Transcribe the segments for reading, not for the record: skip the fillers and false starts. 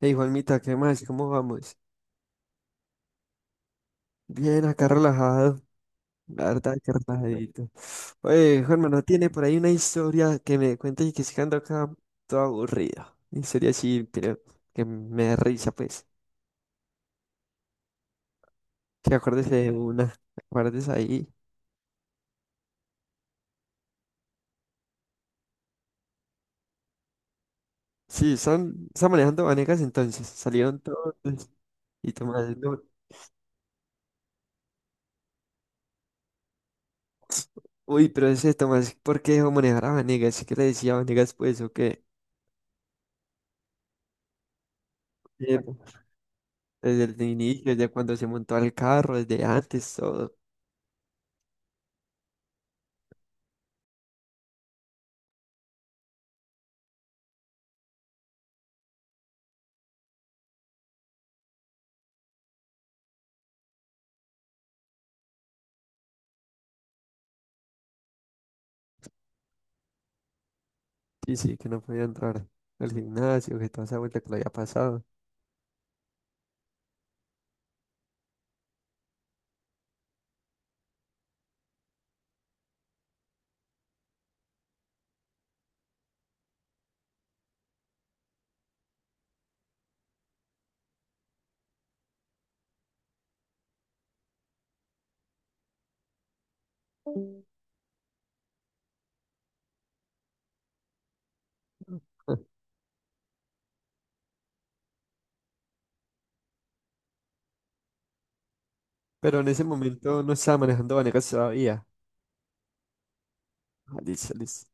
Hey Juanmita, ¿qué más? ¿Cómo vamos? Bien, acá relajado, la verdad que relajadito. Oye, Juanma, ¿no tiene por ahí una historia que me cuente y que se ando acá todo aburrido? Una historia así, creo, que me da risa, pues. Que acuérdese de una, acuerdes ahí. Sí, están manejando Vanegas entonces, salieron todos y Tomás, no. Uy, pero ese Tomás, ¿por qué dejó manejar a Vanegas? ¿Qué le decía a Vanegas, pues, o qué? Eh, Desde el inicio, desde cuando se montó al carro, desde antes, todo. Sí, sí, que no podía entrar al gimnasio, que toda esa vuelta que lo había pasado. Pero en ese momento no estaba manejando Vanegas todavía. Ah, listo, listo.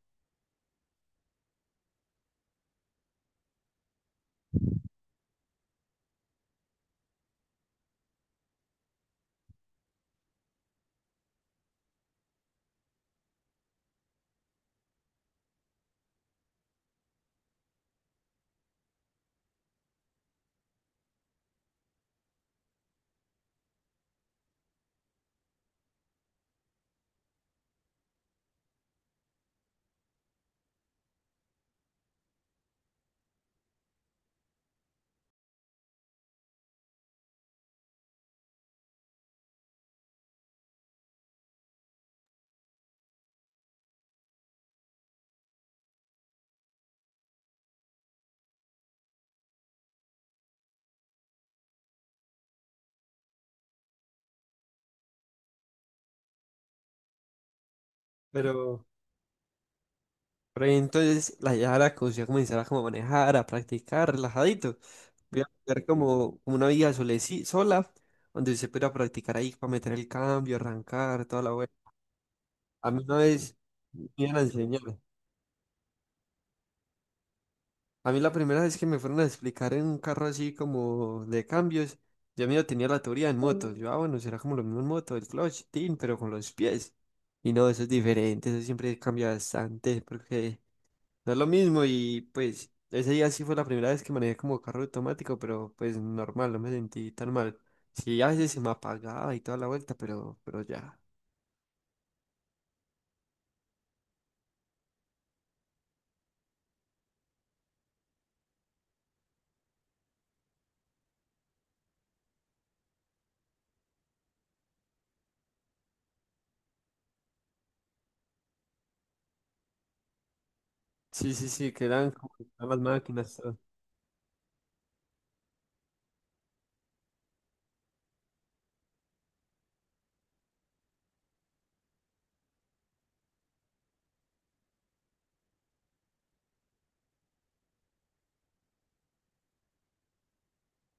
Pero, pero ahí entonces la idea era que usted comenzara como a manejar, a practicar, relajadito. Voy a buscar como, como una vida soleci- sola, donde usted pudiera practicar ahí para meter el cambio, arrancar, toda la vuelta. A mí una vez me iban a enseñar. A mí la primera vez que me fueron a explicar en un carro así como de cambios, yo medio tenía la teoría en moto. Yo, ah, bueno, será como lo mismo en moto, el clutch, tin, pero con los pies. Y no, eso es diferente, eso siempre cambia bastante, porque no es lo mismo. Y pues ese día sí fue la primera vez que manejé como carro automático, pero pues normal, no me sentí tan mal. Sí, a veces se me apagaba y toda la vuelta, pero ya. Sí, sí, sí, quedan como que están las máquinas, todo.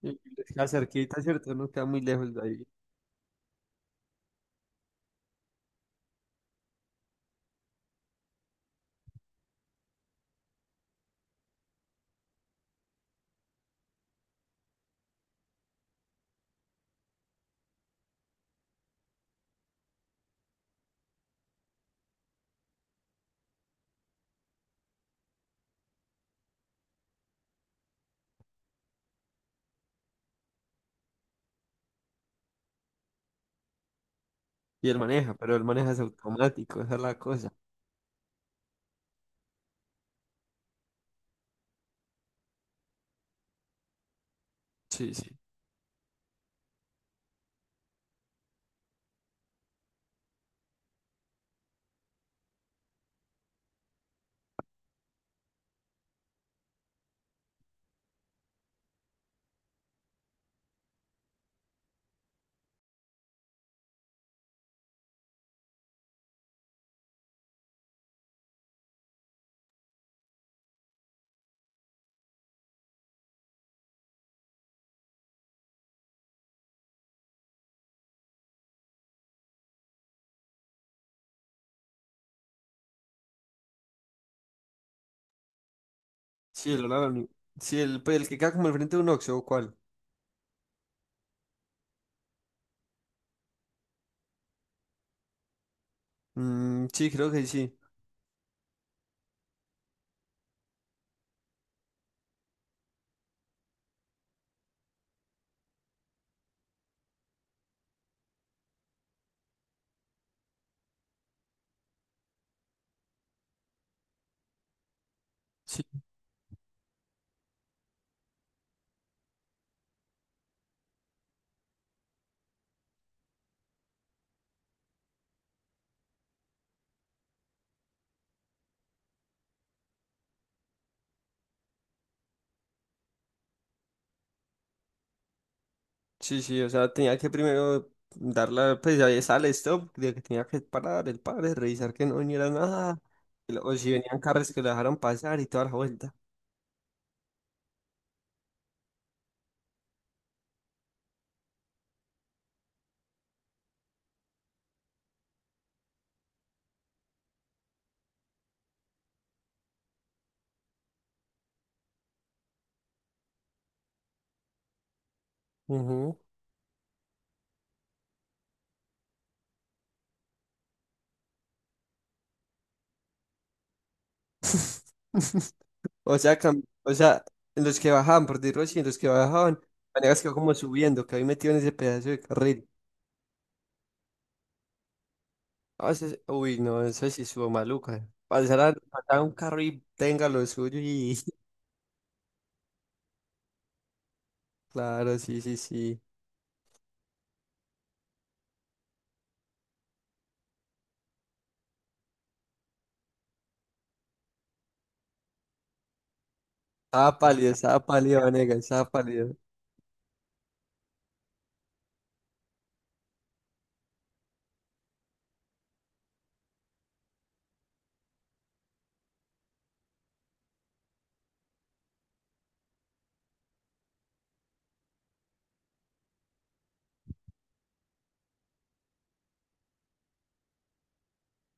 Y les queda cerquita, ¿cierto? No queda muy lejos de ahí. Y él maneja, pero él maneja es automático, esa es la cosa. Sí, sí. Sí, el Lola, ni- sí, el, pues, el que queda como al frente de un Oxxo, ¿o cuál? Mm, sí, creo que sí. Sí, sí, sí, o sea, tenía que primero darla pues ya está el stop, de que tenía que parar el padre, revisar que no viniera nada, y luego si venían carros que lo dejaron pasar y toda la vuelta. Ujú. O sea, cam- o sea, en los que bajaban, por decirlo así, en los que bajaban, maneras que como subiendo, que había metido en ese pedazo de carril. A veces, uy, no, eso sí estuvo maluca. Pasar a, pasar a un carro y tenga lo suyo y... Claro, sí, sí, sí. Estaba pálido, Vanegas, estaba pálido.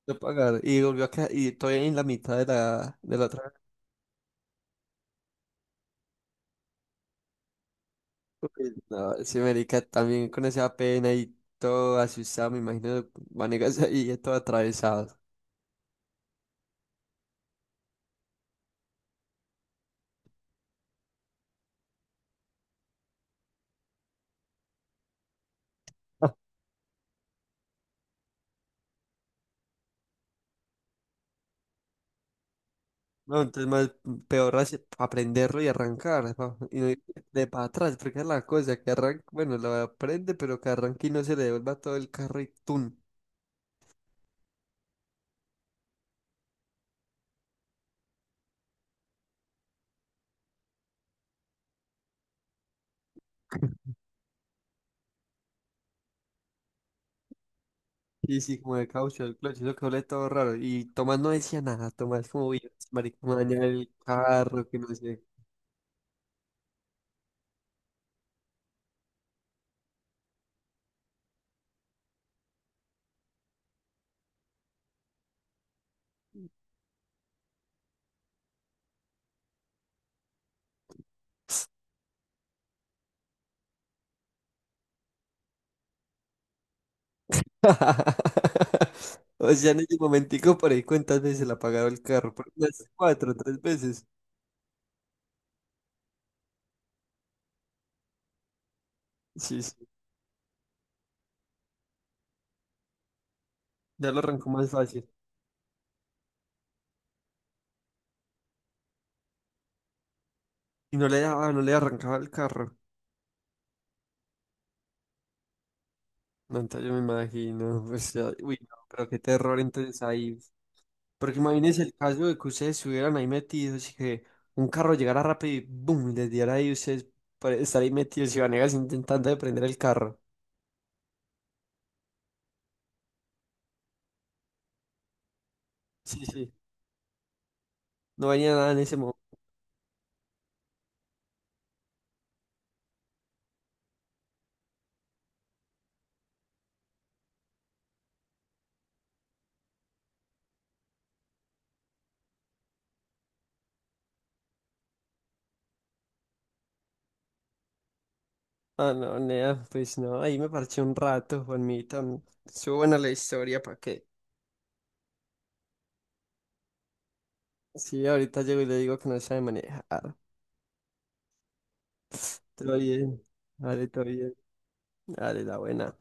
No pagar. Y volvió a quedar, y estoy en la mitad de la otra. Uy, no, ese marica también con esa pena y todo asustado, me imagino, Vanegas ahí todo atravesado. No, entonces más peor así aprenderlo y arrancar, pa, y no ir de para atrás, porque es la cosa que arranca, bueno, lo aprende, pero que arranque y no se le devuelva todo el carro y tun. Sí, sí, como de caucho, el clutch, eso que huele todo raro. Y Tomás no decía nada, Tomás como bien, marica, me daña el carro, que no sé. O sea, en ese momentico por ahí cuántas veces le apagado el carro, por unas cuatro, tres veces. Sí, sí, ya lo arrancó más fácil. Y no le daba, no le arrancaba el carro. No, entonces yo me imagino, pues, ya- uy, no, pero qué terror entonces ahí. Porque imagínense el caso de que ustedes estuvieran ahí metidos y que un carro llegara rápido y boom, y les diera ahí ustedes por estar ahí metidos y Vanegas intentando de prender el carro. Sí, sí, no venía nada en ese momento. Ah, no, nea, pues no, ahí me parché un rato, Juanmita. Mm, estuvo buena la historia, ¿para qué? Sí, ahorita llego y le digo que no sabe manejar. Todo bien, todo bien, dale, la buena.